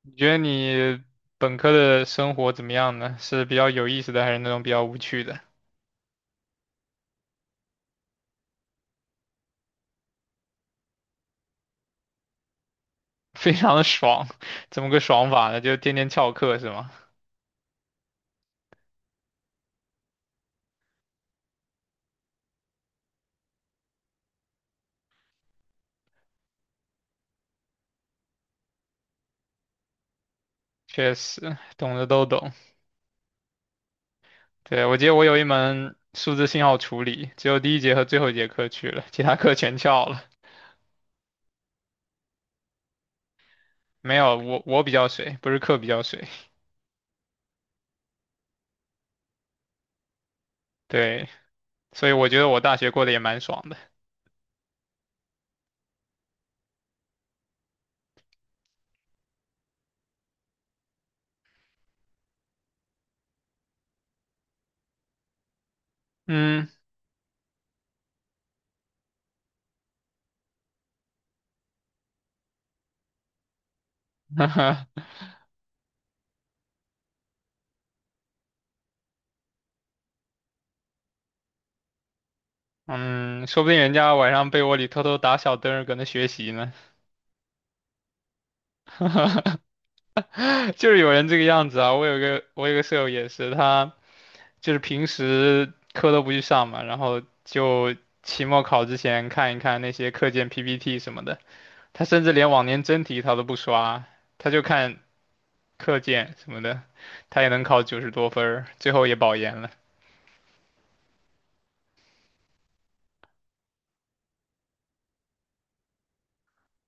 你觉得你本科的生活怎么样呢？是比较有意思的，还是那种比较无趣的？非常的爽，怎么个爽法呢？就天天翘课是吗？确实，懂的都懂。对，我记得我有一门数字信号处理，只有第一节和最后一节课去了，其他课全翘了。没有，我比较水，不是课比较水。对，所以我觉得我大学过得也蛮爽的。嗯，嗯，说不定人家晚上被窝里偷偷打小灯儿搁那学习呢。就是有人这个样子啊。我有个舍友也是，他就是平时课都不去上嘛，然后就期末考之前看一看那些课件 PPT 什么的。他甚至连往年真题他都不刷，他就看课件什么的，他也能考九十多分儿，最后也保研了。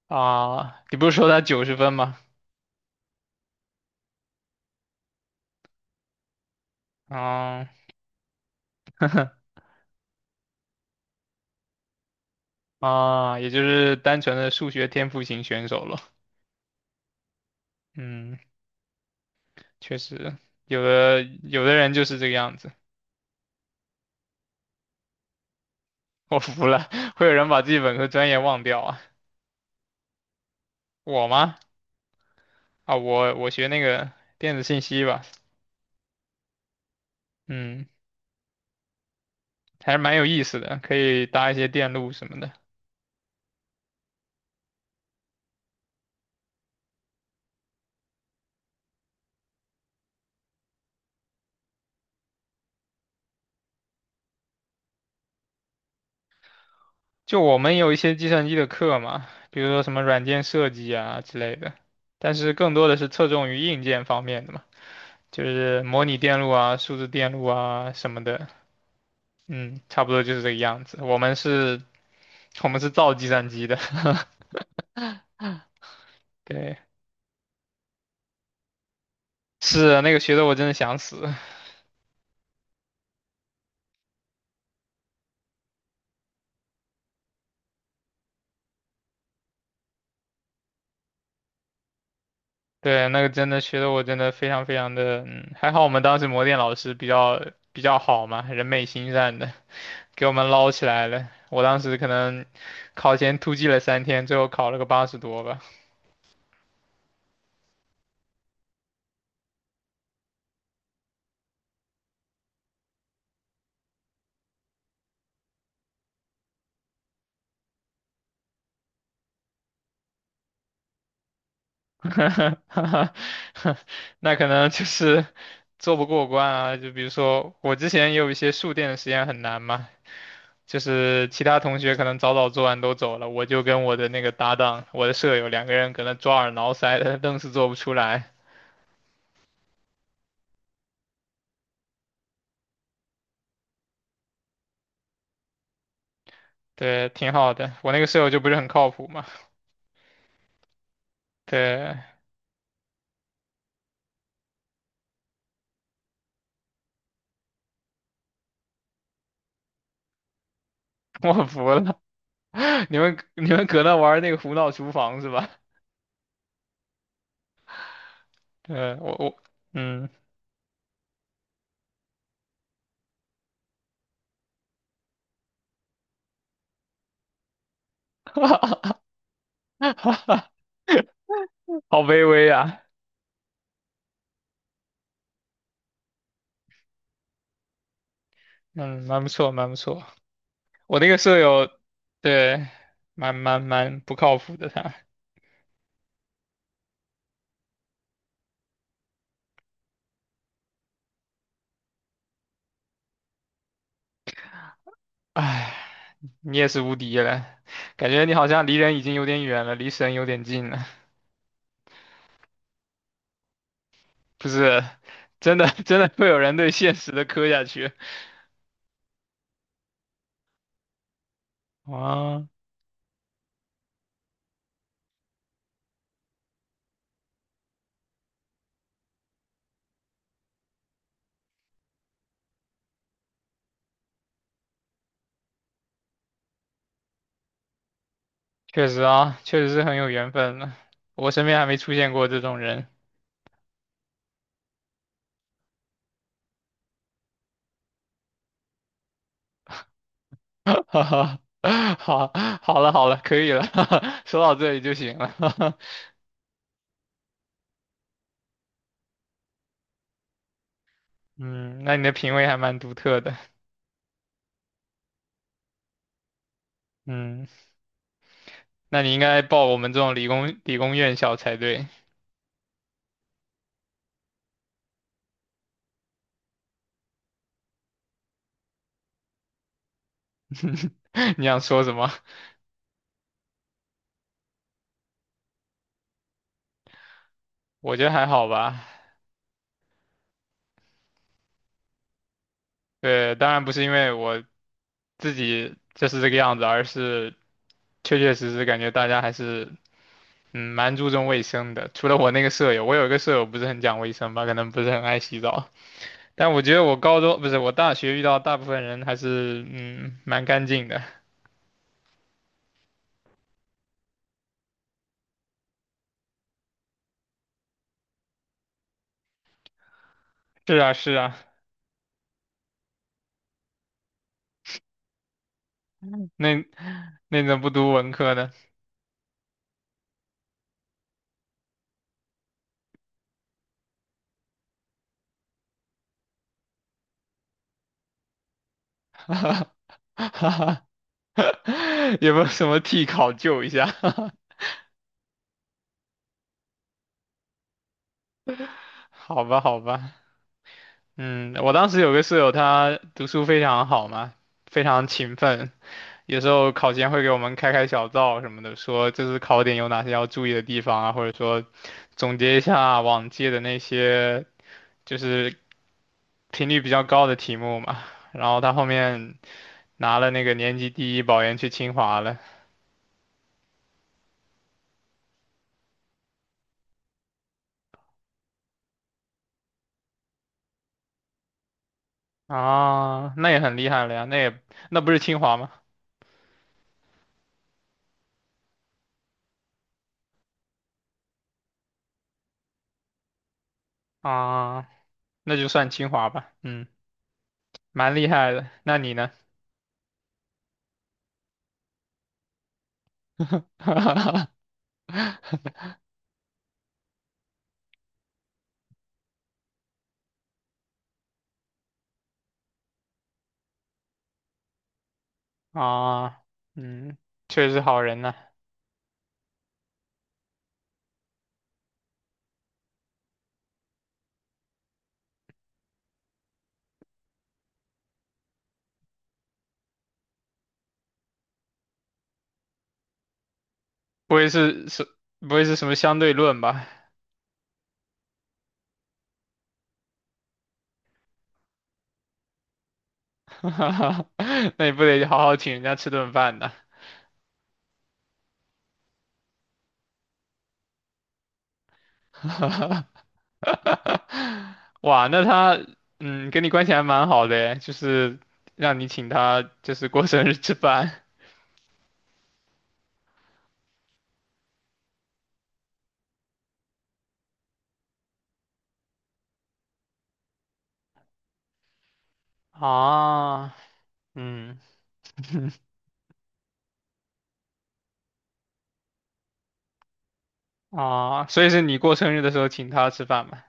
啊，你不是说他九十分吗？啊啊，也就是单纯的数学天赋型选手了。嗯，确实，有的人就是这个样子。我服了，会有人把自己本科专业忘掉啊？我吗？啊，我学那个电子信息吧。嗯，还是蛮有意思的，可以搭一些电路什么的。就我们有一些计算机的课嘛，比如说什么软件设计啊之类的，但是更多的是侧重于硬件方面的嘛，就是模拟电路啊、数字电路啊什么的。嗯，差不多就是这个样子。我们是，我们是造计算机的。对，是那个学的我真的想死。对，那个真的学的我真的非常非常的，还好我们当时模电老师比较好嘛，人美心善的，给我们捞起来了。我当时可能考前突击了三天，最后考了个八十多吧。那可能就是做不过关啊。就比如说我之前也有一些数电的实验很难嘛，就是其他同学可能早早做完都走了，我就跟我的那个搭档，我的舍友两个人搁那抓耳挠腮的，愣是做不出来。对，挺好的。我那个舍友就不是很靠谱嘛。对，我服了。你们搁那玩那个胡闹厨房是吧？对，我嗯，好卑微啊。嗯，蛮不错，蛮不错。我那个舍友，对，蛮不靠谱的他。唉，你也是无敌了，感觉你好像离人已经有点远了，离神有点近了。不是，真的 真的会有人对现实的磕下去。啊。确实啊，确实是很有缘分的。我身边还没出现过这种人。哈哈，好，好了，好了，可以了。说到这里就行了。嗯，那你的品味还蛮独特的。嗯，那你应该报我们这种理工院校才对。你想说什么？我觉得还好吧。对，当然不是因为我自己就是这个样子，而是确确实实感觉大家还是嗯，蛮注重卫生的。除了我那个舍友，我有一个舍友不是很讲卫生吧，可能不是很爱洗澡。但我觉得我高中，不是，我大学遇到大部分人还是嗯蛮干净的。是啊，是啊，那那怎么不读文科呢？哈哈，有没有什么替考救一下？好吧，好吧。嗯，我当时有个舍友，他读书非常好嘛，非常勤奋，有时候考前会给我们开开小灶什么的，说这次考点有哪些要注意的地方啊，或者说总结一下啊往届的那些就是频率比较高的题目嘛。然后他后面拿了那个年级第一保研去清华了。啊，那也很厉害了呀，那也那不是清华吗？啊，那就算清华吧，嗯，蛮厉害的。那你呢？啊，嗯，确实好人呐、不会是，不会是什么相对论吧？那你不得好好请人家吃顿饭呢？哇，那他嗯跟你关系还蛮好的诶，就是让你请他就是过生日吃饭。 啊，嗯 啊，所以是你过生日的时候请他吃饭嘛？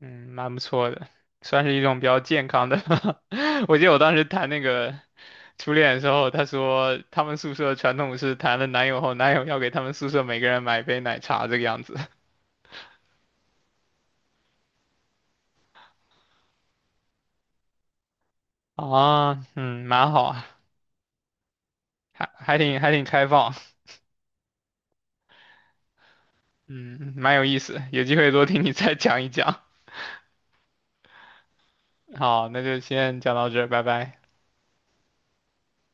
嗯，蛮不错的，算是一种比较健康的。我记得我当时谈那个初恋的时候，他说他们宿舍传统是谈了男友后，男友要给他们宿舍每个人买一杯奶茶这个样子。啊，嗯，蛮好啊，还挺开放。嗯，蛮有意思，有机会多听你再讲一讲。好，那就先讲到这儿，拜拜。